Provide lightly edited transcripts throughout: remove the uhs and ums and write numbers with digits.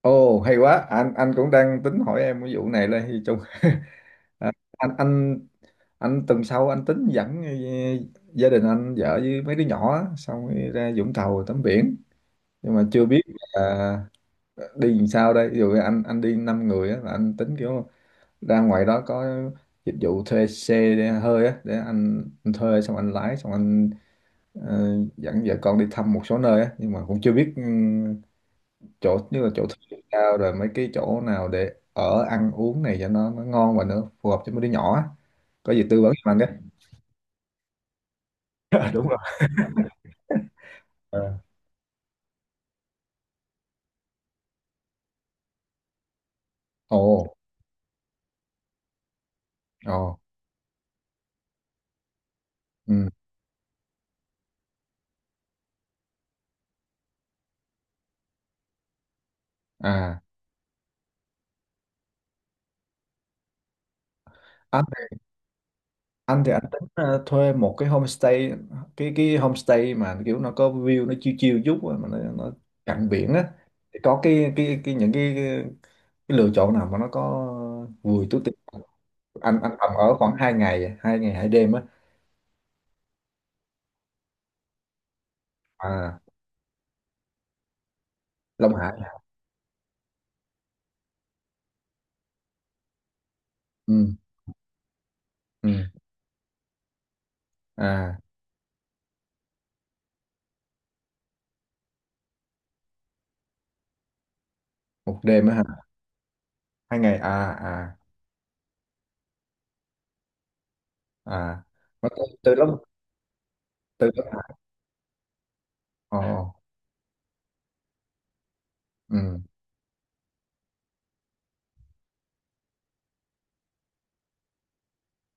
Ồ hay quá, anh cũng đang tính hỏi em cái vụ này là thì chung à. Anh anh anh tuần sau anh tính dẫn gia đình anh, vợ với mấy đứa nhỏ á, xong rồi ra Vũng Tàu tắm biển nhưng mà chưa biết là đi làm sao đây. Ví dụ anh đi 5 người á, là anh tính kiểu ra ngoài đó có dịch vụ thuê xe để hơi á, để anh thuê xong anh lái xong anh ờ, dẫn vợ con đi thăm một số nơi á, nhưng mà cũng chưa biết chỗ như là chỗ thuê cao rồi mấy cái chỗ nào để ở ăn uống này cho nó ngon và nó phù hợp cho mấy đứa nhỏ á, có gì tư vấn cho anh đấy. Đúng rồi. Ờ. Ồ. Ồ. Ừ. À. anh thì- anh thì anh tính thuê một cái homestay, cái homestay mà kiểu nó có view, nó chill chill chút á, mà nó cạnh biển á, thì có cái những cái lựa chọn nào mà nó có vùi túi tiền không? Anh tầm ở khoảng hai ngày hai đêm á. À. Long Hải. Ừ. Ừ. À, một đêm á hả? Hai ngày À. À. À. Mà từ lúc à. Ồ. Ừ.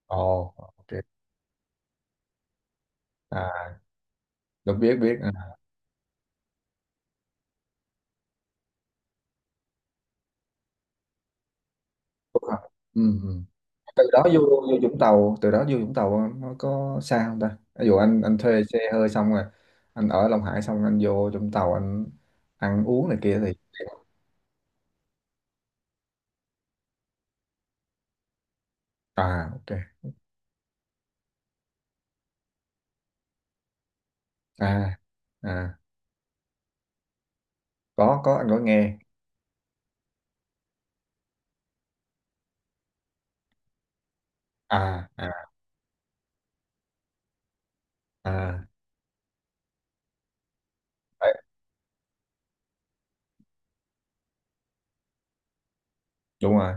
Ồ. Ok. À, được, biết biết à. Đúng rồi. Ừ, ừ. Từ đó vô Vũng Tàu nó có xa không ta? Ví dụ anh thuê xe hơi xong rồi anh ở Long Hải xong anh vô Vũng Tàu anh ăn uống này kia thì à, ok. À. À. Có anh có nghe. À. À. À. Đấy, đúng rồi.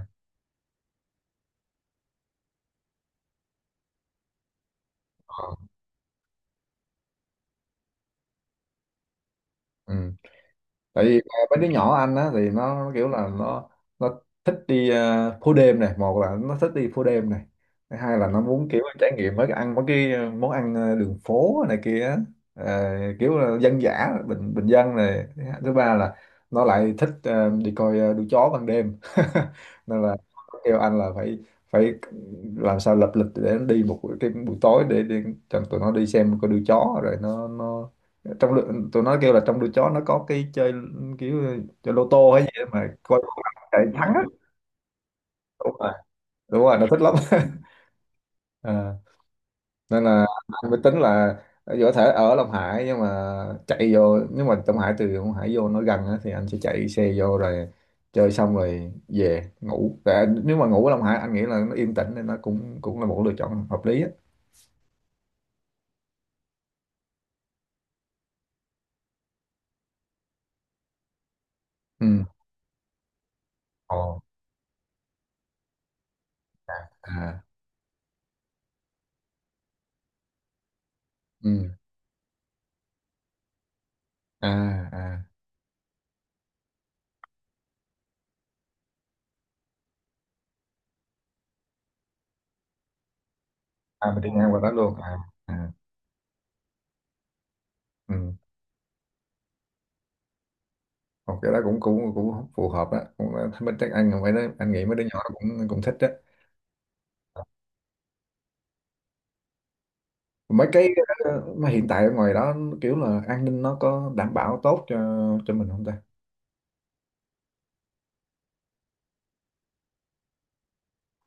Ờ. Ừ. Tại vì mấy đứa nhỏ anh á, thì nó kiểu là nó thích đi phố đêm này. Một là nó thích đi phố đêm này, thứ hai là nó muốn kiểu trải nghiệm mấy cái ăn mấy cái à, món ăn đường phố này kia á, kiểu là dân dã, bình bình dân này, thứ ba là nó lại thích đi coi đua chó ban đêm. Nên là nó kêu anh là phải phải làm sao lập lịch để nó đi một cái buổi tối để cho tụi nó đi xem coi đua chó, rồi nó trong lượt, tụi nó kêu là trong đuôi chó nó có cái chơi kiểu chơi lô tô hay gì đó mà coi con nào chạy thắng á. Đúng rồi, đúng rồi, nó thích lắm. Ờ, nên là anh mới tính là dù có thể ở Long Hải nhưng mà chạy vô nhưng mà Long Hải từ Long Hải vô nó gần á, thì anh sẽ chạy xe vô rồi chơi xong rồi về ngủ. Nếu mà ngủ ở Long Hải anh nghĩ là nó yên tĩnh nên nó cũng cũng là một lựa chọn hợp lý á. Ừ. Ồ. À. Ừ. À. À. À. Mình đi ngang qua đó luôn à? À. Ừ. Học cái đó cũng cũng cũng phù hợp á, cũng thích, mấy anh không phải nói anh nghĩ mấy đứa nhỏ cũng cũng thích á, mấy cái mà hiện tại ở ngoài đó kiểu là an ninh nó có đảm bảo tốt cho mình không ta?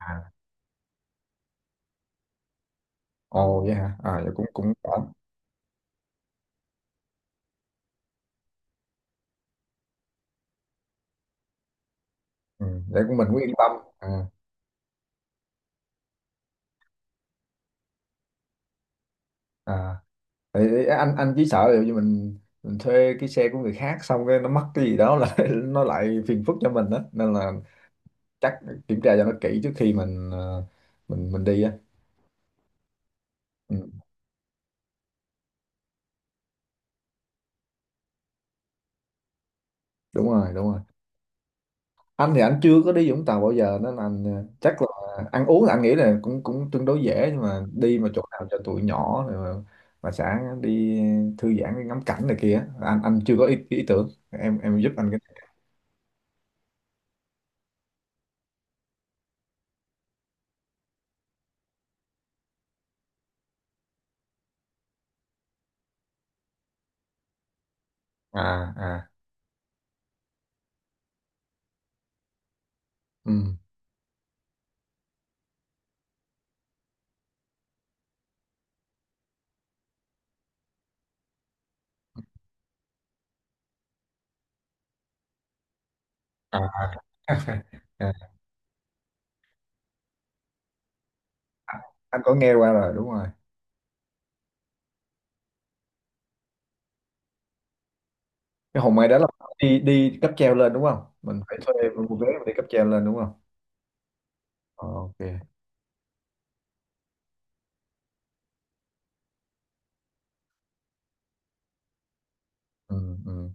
À. Ồ vậy hả? À, vậy cũng cũng ổn. Ừ, để của mình cũng yên tâm. À, à. Thì anh chỉ sợ ví dụ như mình thuê cái xe của người khác xong cái nó mất cái gì đó là nó lại phiền phức cho mình đó, nên là chắc kiểm tra cho nó kỹ trước khi mình ờ, mình đi á. Ừ, đúng rồi, đúng rồi. Anh thì anh chưa có đi Vũng Tàu bao giờ nên anh chắc là ăn uống là anh nghĩ là cũng cũng tương đối dễ, nhưng mà đi mà chỗ nào cho tụi nhỏ rồi mà sẽ đi thư giãn, đi ngắm cảnh này kia, anh chưa có ý tưởng, em giúp anh cái này. À. À. Ừ. À, à. À, anh có nghe qua rồi, đúng rồi. Cái Hòn Mây đó là đi đi cáp treo lên đúng không, mình phải thuê một vé mà đi cáp treo lên đúng không? Ờ, ok. Ừ, ừ.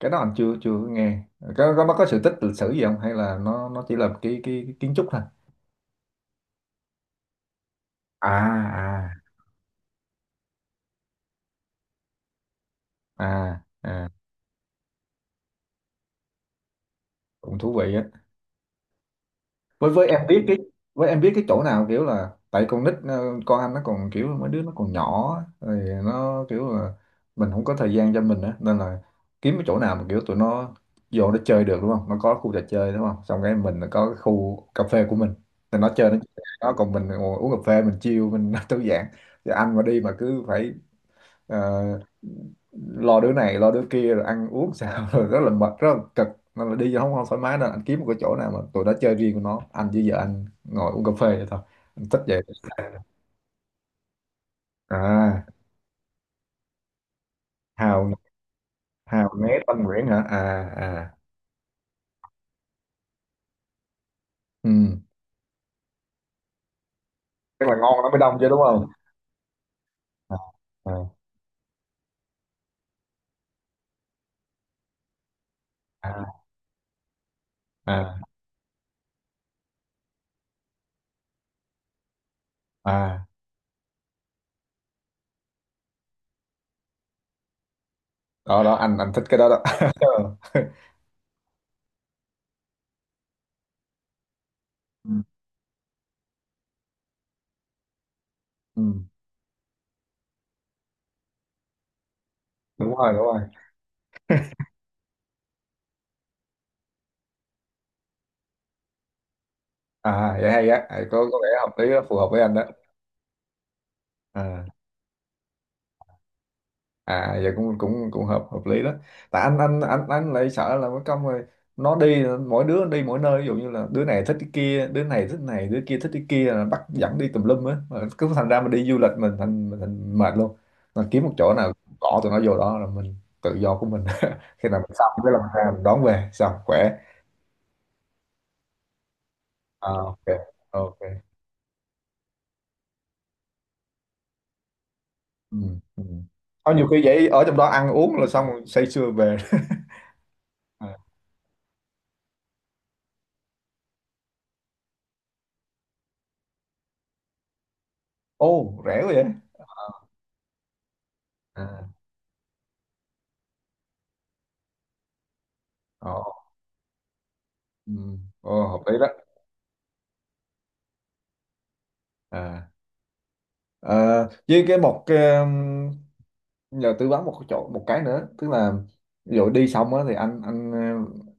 Cái đó anh chưa chưa có nghe. Có nó có sự tích lịch sử gì không hay là nó chỉ là cái kiến trúc thôi? À. À. À. À. Cũng thú vị á. với với em biết cái với em biết cái chỗ nào kiểu là tại con nít con anh nó còn kiểu mấy đứa nó còn nhỏ á, rồi nó kiểu là mình không có thời gian cho mình á, nên là kiếm cái chỗ nào mà kiểu tụi nó vô nó chơi được đúng không, nó có khu trò chơi đúng không, xong cái mình là có cái khu cà phê của mình thì nó chơi, nó còn mình ngồi uống cà phê mình chill mình thư giãn, thì anh mà đi mà cứ phải Ờ, lo đứa này, lo đứa kia, rồi ăn uống sao rồi rất là mệt, rất là cực, nên là đi vô không không thoải mái, nên anh kiếm một cái chỗ nào mà tụi nó chơi riêng của nó, anh với vợ anh ngồi uống cà phê vậy thôi, anh thích vậy. À, hào hào né Tân Nguyễn hả? À. À. Ừ, tức là ngon nó mới đông chứ đúng không? À. À. À, à. À. Đó đó, anh thích cái đó đó. Ừ, ừ. Đúng rồi, đúng rồi. À, vậy hay á. À, có vẻ hợp lý đó, phù hợp với anh đó. À. À, giờ cũng cũng cũng hợp hợp lý đó, tại anh lại sợ là mất công, rồi nó đi mỗi đứa đi mỗi nơi, ví dụ như là đứa này thích cái kia, đứa này thích này, đứa kia thích cái kia, là bắt dẫn đi tùm lum á, mà cứ thành ra mình đi du lịch mình thành mệt luôn, mình kiếm một chỗ nào cỏ tụi nó vô đó là mình tự do của mình, khi nào mình xong cái là mình ra mình đón về xong khỏe. À, ok. Ok. Ừ, ừ. Có nhiều khi vậy ở trong đó ăn uống là xong rồi say sưa về. À. Ô, rẻ quá vậy? À. Ờ. Ừ. Ồ, hợp lý đó. À, à, với một cái, nhờ tư vấn một cái chỗ một cái nữa, tức là ví dụ đi xong á thì anh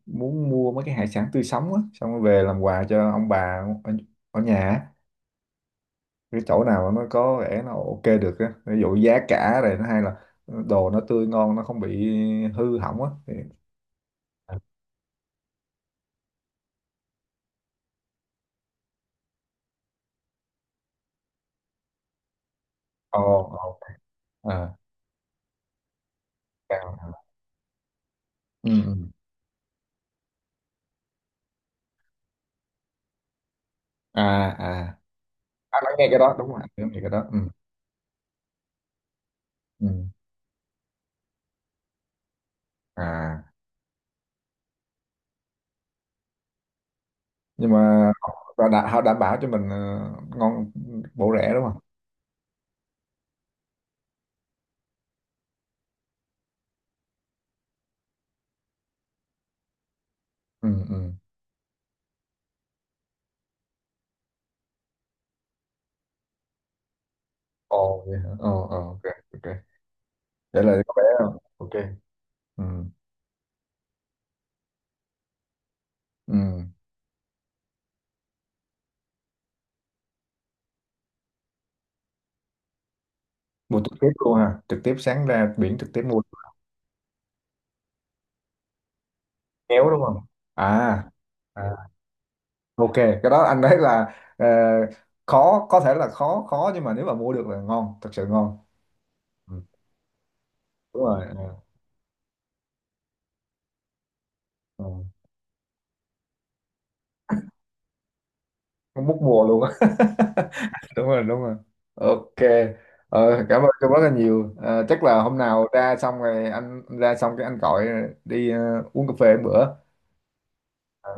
muốn mua mấy cái hải sản tươi sống á, xong rồi về làm quà cho ông bà ở nhà á. Cái chỗ nào mà nó có vẻ nó ok được á, ví dụ giá cả này nó hay là đồ nó tươi ngon nó không bị hư hỏng á thì... Ồ. Ồ. À, cao. Ừ, ừ. À. À, anh đã nghe cái đó, đúng rồi, anh nghe cái đó. Ừ, ừ. À, nhưng mà họ họ đã, họ đảm bảo cho mình ngon, bổ, rẻ đúng không? Ừ. Ừ. Ồ vậy hả? Ồ. Ồ. Ok. Ok, vậy là có vẻ ok. Ừ. Ừ. Mua trực tiếp luôn ha, trực tiếp, sáng ra biển trực tiếp mua kéo đúng không? À. À, ok, cái đó anh thấy là khó, có thể là khó, khó nhưng mà nếu mà mua được là ngon, thật sự ngon. Ừ. Đúng rồi. Ờ. Ờ. Không mất mùa luôn. Đúng rồi, đúng rồi. Ok. Cảm ơn tôi rất là nhiều. Ờ, chắc là hôm nào ra xong rồi anh ra xong cái anh gọi đi uống cà phê một bữa. Ờ,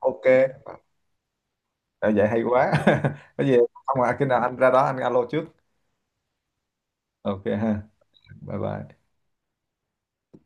ok. Ờ, vậy hay quá. Có gì không mà khi nào anh ra đó anh alo trước. Ok ha. Bye bye.